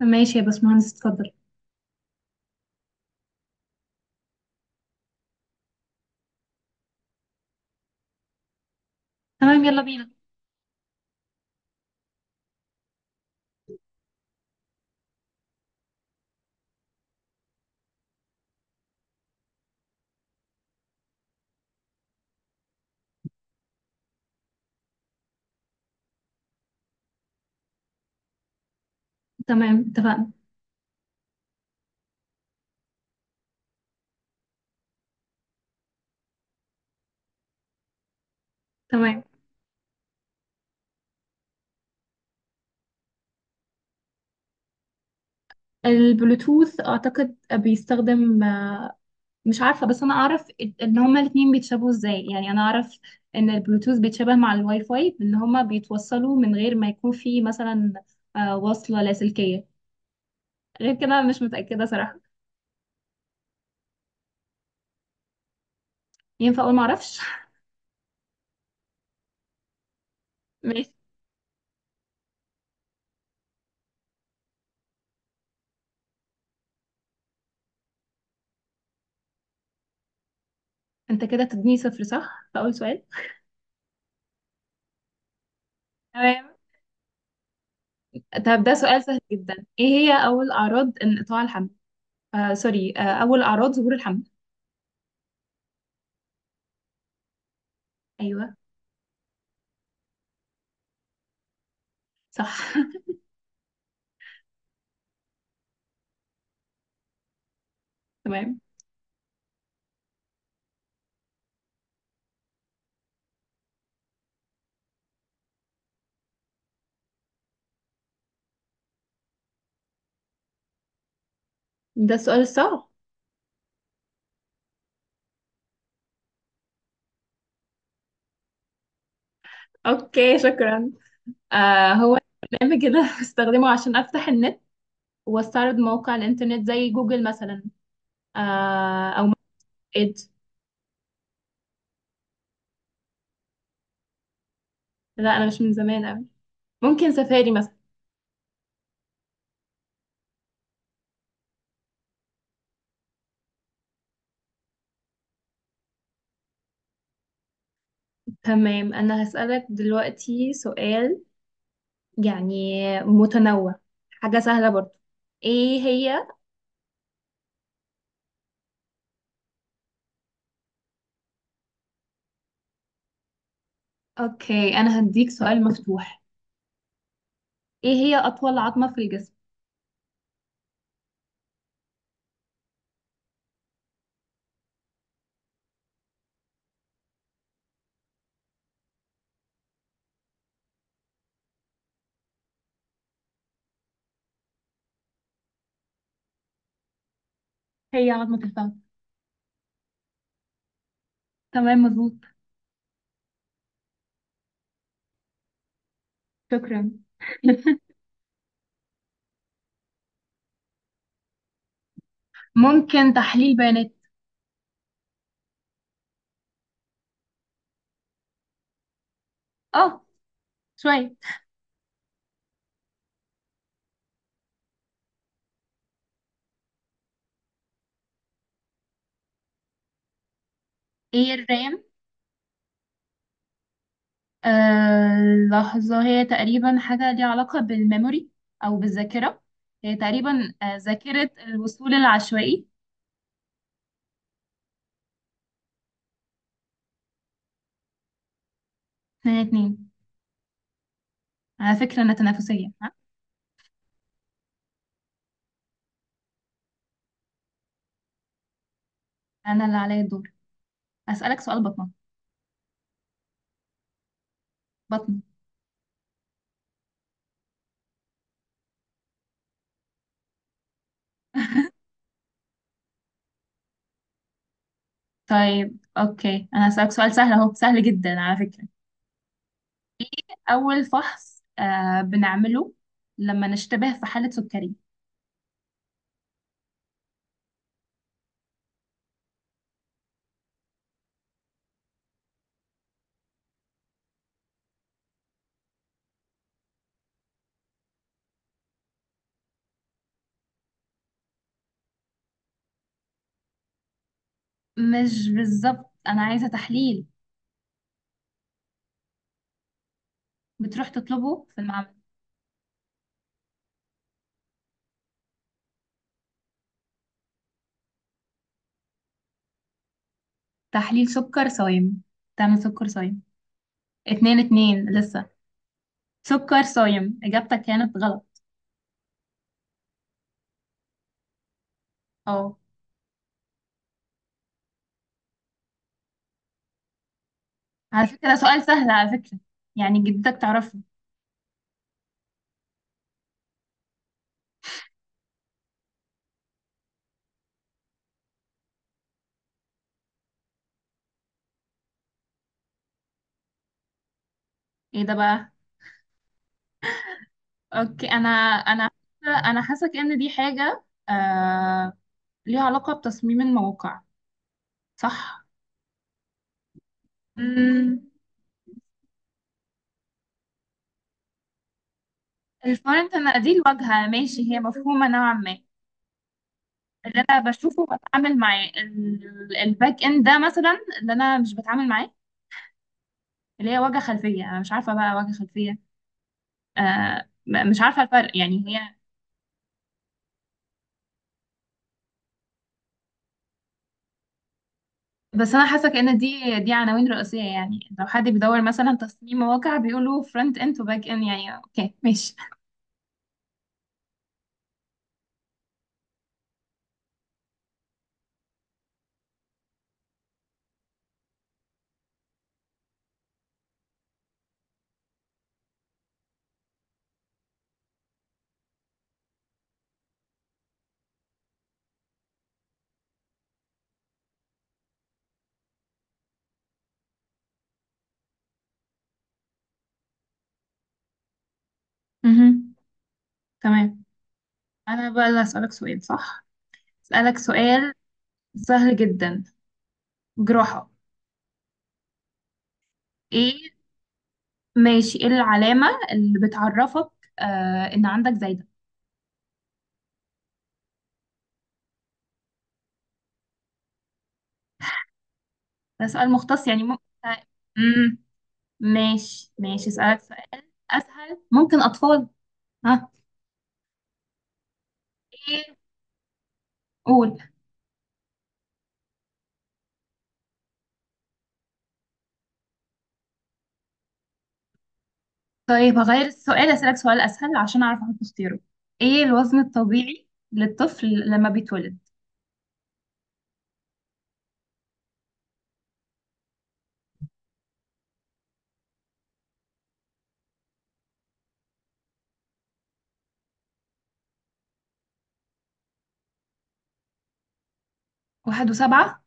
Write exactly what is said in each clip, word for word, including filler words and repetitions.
ماشي يا باشمهندس، اتفضل. تمام، يلا بينا. تمام، اتفقنا. تمام. البلوتوث اعتقد بيستخدم آه، مش عارفة، بس انا اعرف ان هما الاتنين بيتشابهوا ازاي. يعني انا اعرف ان البلوتوث بيتشابه مع الواي فاي بان هما بيتوصلوا من غير ما يكون في مثلا آه، وصلة لاسلكية. غير كده مش متأكدة صراحة. ينفع اقول معرفش؟ ماشي. انت كده تديني صفر، صح؟ فاول سؤال. تمام. طب ده سؤال سهل جدا، ايه هي اول اعراض انقطاع الحمل؟ آه سوري، آه اول اعراض ظهور الحمل. ايوه. صح. تمام. ده السؤال الصعب. اوكي، شكرا. آه هو برنامج كده. بستخدمه عشان افتح النت، واستعرض موقع الانترنت زي جوجل مثلا. آه او ايد. لا، انا مش من زمان قوي. ممكن سفاري مثلا. تمام، انا هسألك دلوقتي سؤال يعني متنوع، حاجة سهلة برضو. ايه هي؟ اوكي، انا هديك سؤال مفتوح. ايه هي اطول عظمة في الجسم؟ هي عظمة الفخذ. تمام، مظبوط. شكرا. ممكن تحليل بيانات. اه، شوية. ايه الرام؟ آه لحظة. هي تقريبا حاجة ليها علاقة بالميموري أو بالذاكرة. هي تقريبا آه، ذاكرة الوصول العشوائي. اتنين اتنين. على فكرة أنا تنافسية، ها؟ أنا اللي عليا الدور. أسألك سؤال بطنة. بطنة. طيب أوكي، أنا هسألك سؤال سهل أهو، سهل جدا على فكرة. أول فحص آه بنعمله لما نشتبه في حالة سكري. مش بالظبط، أنا عايزة تحليل بتروح تطلبه في المعمل. تحليل سكر صايم. تعمل سكر صايم. اتنين اتنين لسه. سكر صايم، إجابتك كانت غلط. اه. على فكرة ده سؤال سهل على فكرة، يعني جدتك تعرفه. ايه ده بقى؟ اوكي، انا انا انا حاسك ان دي حاجة آه... ليها علاقة بتصميم المواقع، صح؟ مم... الفرونت، انا دي الواجهة، ماشي، هي مفهومة نوعا ما. اللي انا بشوفه بتعامل معاه، ال- الباك اند ده مثلا اللي انا مش بتعامل معاه، اللي هي واجهة خلفية. انا مش عارفة بقى واجهة خلفية. آه م- مش عارفة الفرق يعني هي. بس أنا حاسة كأن دي دي عناوين رئيسية، يعني لو حد بيدور مثلا تصميم مواقع بيقولوا فرونت اند وباك اند. يعني اوكي، ماشي. مهم. تمام. أنا بقى اللي هسألك سؤال، صح؟ أسألك سؤال سهل جدا. جراحة. ايه؟ ماشي، ايه العلامة اللي بتعرفك آه إن عندك زايدة؟ ده سؤال مختص يعني، ممكن. مم. ماشي ماشي، أسألك سؤال أسهل، ممكن أطفال. ها؟ ايه؟ قول. طيب هغير السؤال، أسألك سؤال أسهل عشان أعرف أحط اختياره. إيه الوزن الطبيعي للطفل لما بيتولد؟ واحد وسبعة.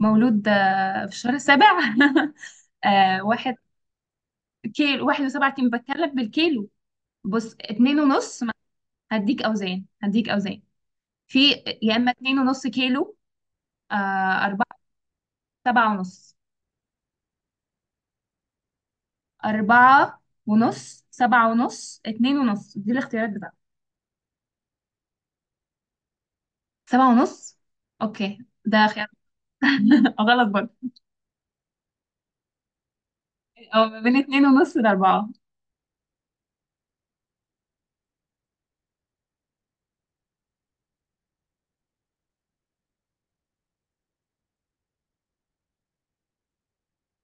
مولود آه، في الشهر السابع؟ آه، واحد كيلو؟ واحد وسبعة كيلو، بتكلم بالكيلو. بص، اتنين ونص ما- هديك أوزان، هديك أوزان في. يا إما اتنين ونص كيلو، آه، أربعة، سبعة ونص. أربعة ونص، سبعة ونص، اتنين ونص، دي الاختيارات بتاعتك. سبعة ونص. أوكي ده خيار. غلط برضه. او ما بين اتنين ونص لاربعة.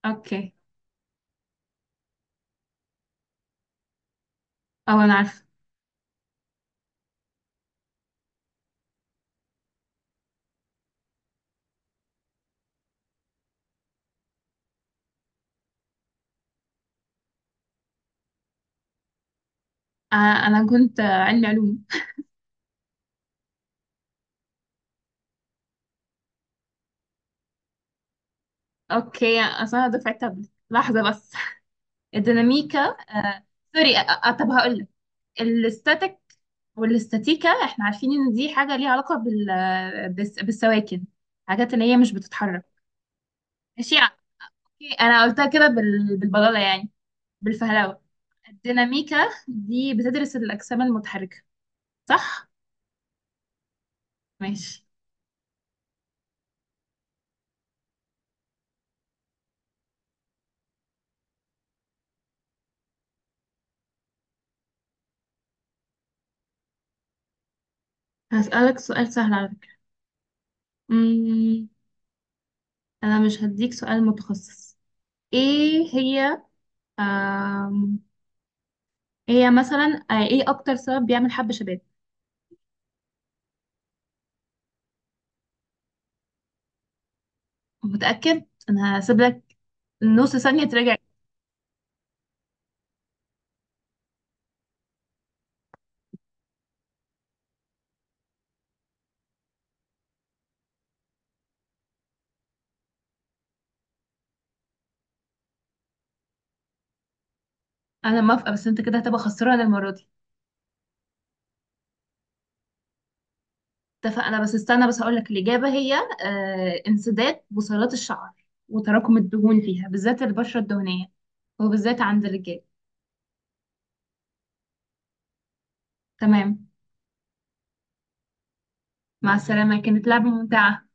اوكي. او انا عارفة. آه، انا كنت آه، علمي علوم. اوكي، اصل انا دفعة تابلت. لحظة بس. الديناميكا آه، سوري. آه، آه، طب هقول لك الاستاتيك. والاستاتيكا احنا عارفين ان دي حاجة ليها علاقة بال... آه، بالس- بالسواكن، حاجات اللي هي مش بتتحرك. ماشي. اوكي انا قلتها كده بال... بالبلالة يعني، بالفهلوة. الديناميكا دي بتدرس الأجسام المتحركة، صح؟ ماشي. هسألك سؤال سهل على فكرة، انا مش هديك سؤال متخصص. ايه هي؟ آم، إيه هي مثلا، آه، ايه اكتر سبب بيعمل حب شباب؟ متأكد؟ انا هسيب لك نص ثانية تراجع. انا موافقة، بس انت كده هتبقى خسران المرة دي. اتفقنا. بس استنى، بس هقول لك الإجابة. هي آه، انسداد بصيلات الشعر وتراكم الدهون فيها، بالذات البشرة الدهنية، وبالذات عند الرجال. تمام. مع السلامة، كانت لعبة ممتعة.